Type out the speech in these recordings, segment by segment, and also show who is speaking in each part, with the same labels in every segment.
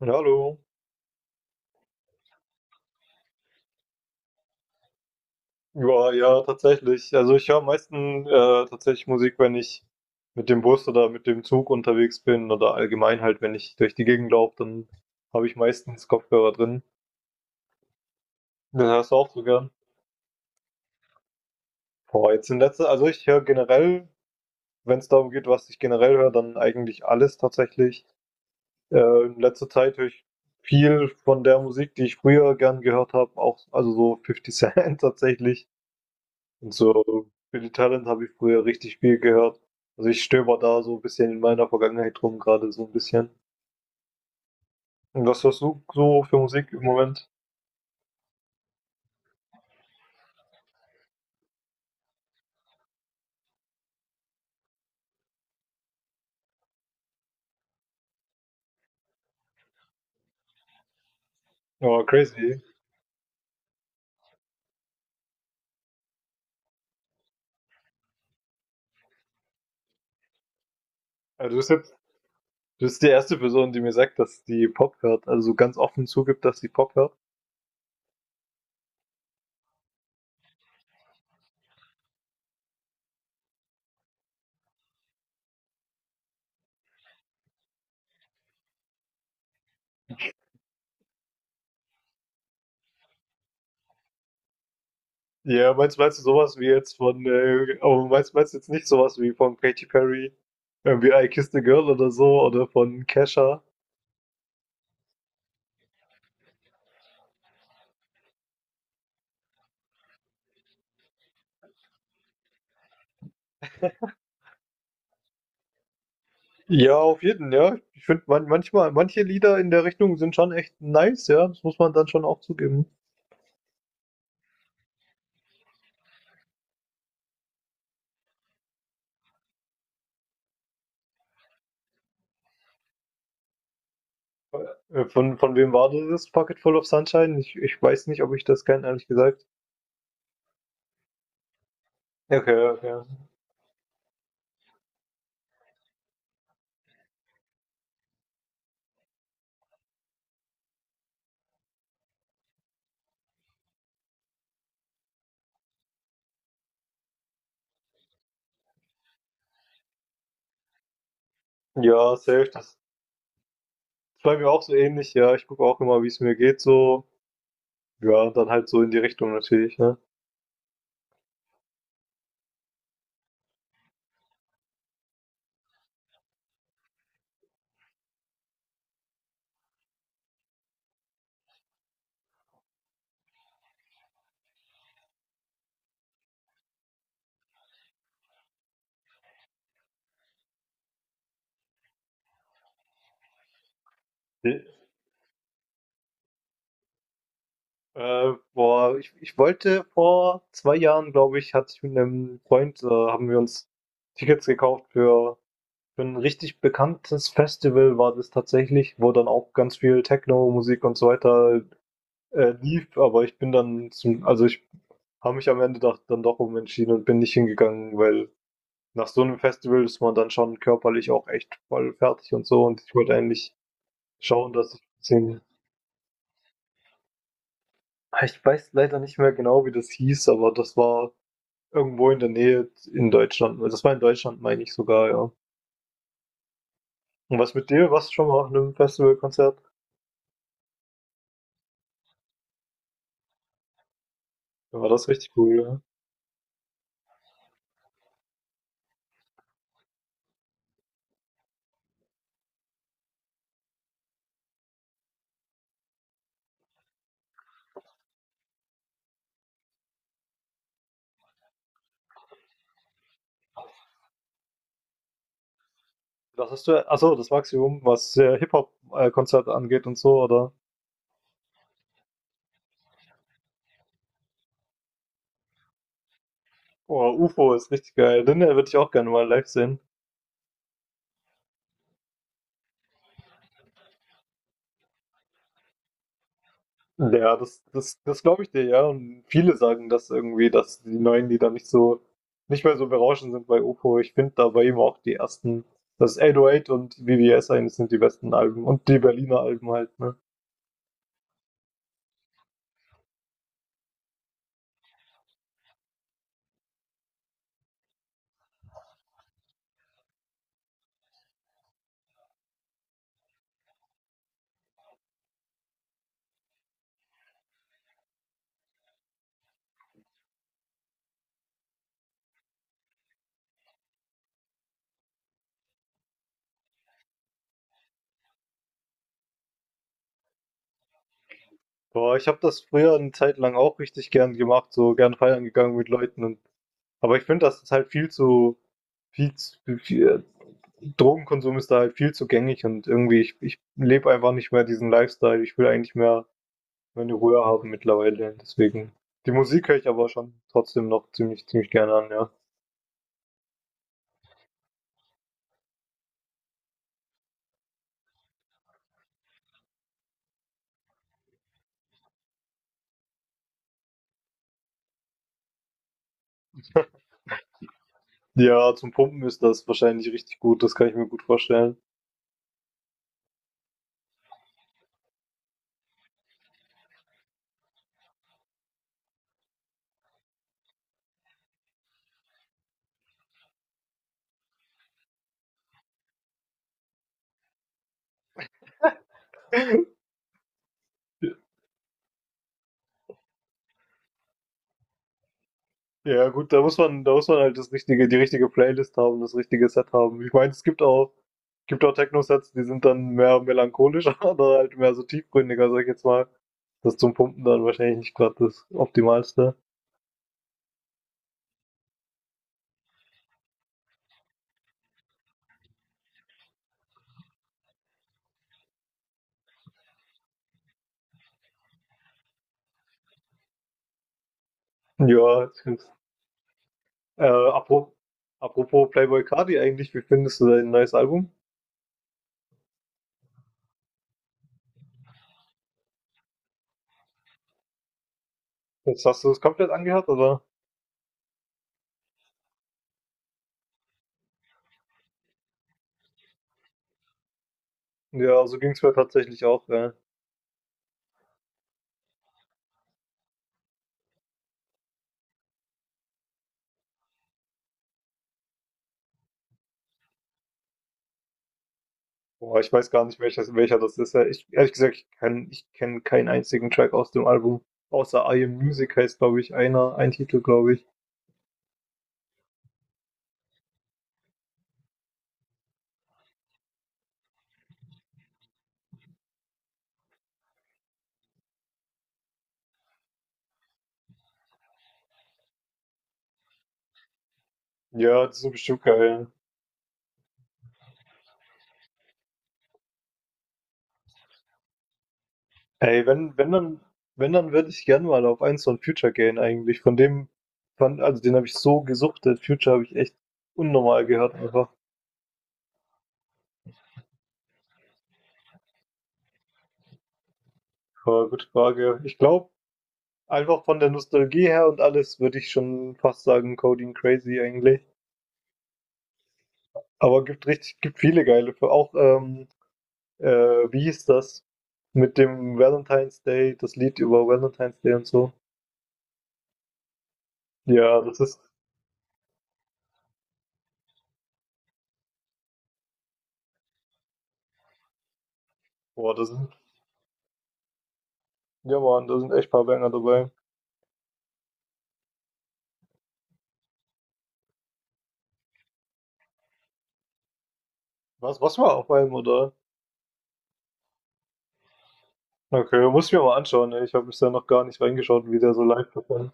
Speaker 1: Ja, Hallo. Ja, ja, tatsächlich. Also ich höre am meisten tatsächlich Musik, wenn ich mit dem Bus oder mit dem Zug unterwegs bin oder allgemein halt, wenn ich durch die Gegend laufe, dann habe ich meistens Kopfhörer drin. Das hörst du auch so gern. Boah, jetzt in letzter, also ich höre generell, wenn es darum geht, was ich generell höre, dann eigentlich alles tatsächlich. Äh, in letzter Zeit höre ich viel von der Musik, die ich früher gern gehört habe, auch also so Fifty Cent tatsächlich. Und so Billy Talent habe ich früher richtig viel gehört. Also ich stöber da so ein bisschen in meiner Vergangenheit rum, gerade so ein bisschen. Und was hast du so für Musik im Moment? Ja, crazy. Also du bist die erste Person, die mir sagt, dass die Pop hört. Also so ganz offen zugibt, dass die Pop hört. Ja, meinst du sowas wie jetzt aber meinst du jetzt nicht sowas wie von Katy Perry, irgendwie I Kissed a Girl oder so, oder von Kesha? Ja, auf jeden, ja. Ich finde man manchmal manche Lieder in der Richtung sind schon echt nice, ja. Das muss man dann schon auch zugeben. Von wem war das? Pocket Full of Sunshine? Ich weiß nicht, ob ich das kenne, ehrlich gesagt. Okay, okay. Ja, safe. Das ist bei mir auch so ähnlich, ja. Ich gucke auch immer, wie es mir geht, so. Ja, dann halt so in die Richtung natürlich, ne? Nee. Boah, ich wollte vor 2 Jahren, glaube ich, hatte ich mit einem Freund, haben wir uns Tickets gekauft für 'n richtig bekanntes Festival war das tatsächlich, wo dann auch ganz viel Techno-Musik und so weiter, lief, aber ich bin dann zum also, ich habe mich am Ende doch dann doch umentschieden und bin nicht hingegangen, weil nach so einem Festival ist man dann schon körperlich auch echt voll fertig und so und ich wollte eigentlich schauen, dass ich bisschen. Ich weiß leider nicht mehr genau, wie das hieß, aber das war irgendwo in der Nähe in Deutschland. Also das war in Deutschland, meine ich sogar, ja. Und was mit dir? Warst du schon mal auf einem Festivalkonzert? Dann war das richtig cool, ja? Das ist ja, ach so, das Maximum, was Hip-Hop-Konzert angeht und so, oder? Oh, UFO ist richtig geil. Den würde ich auch gerne mal live sehen. Mhm. Ja, das glaube ich dir, ja. Und viele sagen das irgendwie, dass die neuen Lieder nicht mehr so berauschend sind bei UFO. Ich finde da bei ihm auch die ersten, das ist 808 und VVS eigentlich sind die besten Alben und die Berliner Alben halt, ne? Boah, ich habe das früher eine Zeit lang auch richtig gern gemacht, so gern feiern gegangen mit Leuten und, aber ich finde, das ist halt viel zu, viel, Drogenkonsum ist da halt viel zu gängig und irgendwie, ich lebe einfach nicht mehr diesen Lifestyle. Ich will eigentlich mehr meine Ruhe haben mittlerweile. Deswegen. Die Musik höre ich aber schon trotzdem noch ziemlich, ziemlich gerne an, ja. Ja, zum Pumpen ist das wahrscheinlich richtig gut, das kann ich mir gut vorstellen. Ja, ja, gut, da muss man halt das richtige, die richtige Playlist haben, das richtige Set haben. Ich meine, es gibt auch Techno-Sets, die sind dann mehr melancholisch oder halt mehr so tiefgründiger, sag ich jetzt mal. Das zum Pumpen dann wahrscheinlich nicht gerade das Optimalste. Ja, das stimmt. Äh, apro apropos Playboi Carti eigentlich, wie findest du dein neues Album? Jetzt hast du es komplett angehört, oder? Ja, so ging es mir tatsächlich auch. Ja. Boah, ich weiß gar nicht, welches, welcher das ist. Ja, ich, ehrlich gesagt, ich kenne keinen einzigen Track aus dem Album. Außer I Am Music heißt, glaube ich, einer, ein Titel, glaube ich. Ja, das ist bestimmt geil. Ey, wenn dann würde ich gerne mal auf eins von Future gehen eigentlich. Also den habe ich so gesuchtet. Future habe ich echt unnormal gehört einfach. Ja, gute Frage. Ich glaube, einfach von der Nostalgie her und alles würde ich schon fast sagen, Coding Crazy eigentlich. Aber gibt richtig, gibt viele geile. Für auch, äh, wie hieß das? Mit dem Valentine's Day, das Lied über Valentine's Day und so. Ja, das ist, boah, das sind, ja Mann, da sind echt paar Banger dabei. Was war auf einem, oder? Okay, muss ich mir mal anschauen, ey. Ich habe bisher noch gar nicht reingeschaut, wie der so live performt.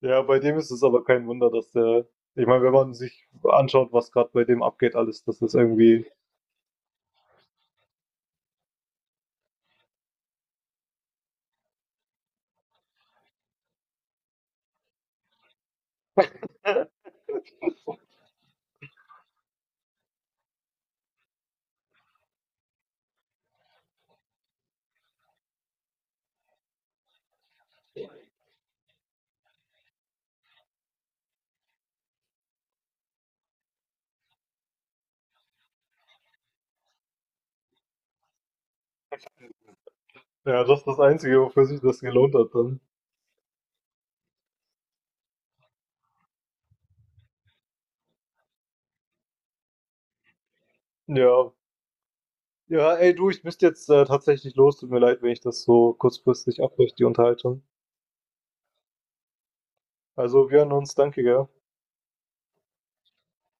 Speaker 1: Ja, bei dem ist es aber kein Wunder, dass der. Ich meine, wenn man sich anschaut, was gerade bei dem abgeht, alles, das ist irgendwie. Ja, das ist das Einzige, wofür sich das gelohnt hat dann. Ja. Ja, ey, du, ich müsste jetzt tatsächlich los. Tut mir leid, wenn ich das so kurzfristig abbreche, die Unterhaltung. Also, wir hören uns. Danke, gell?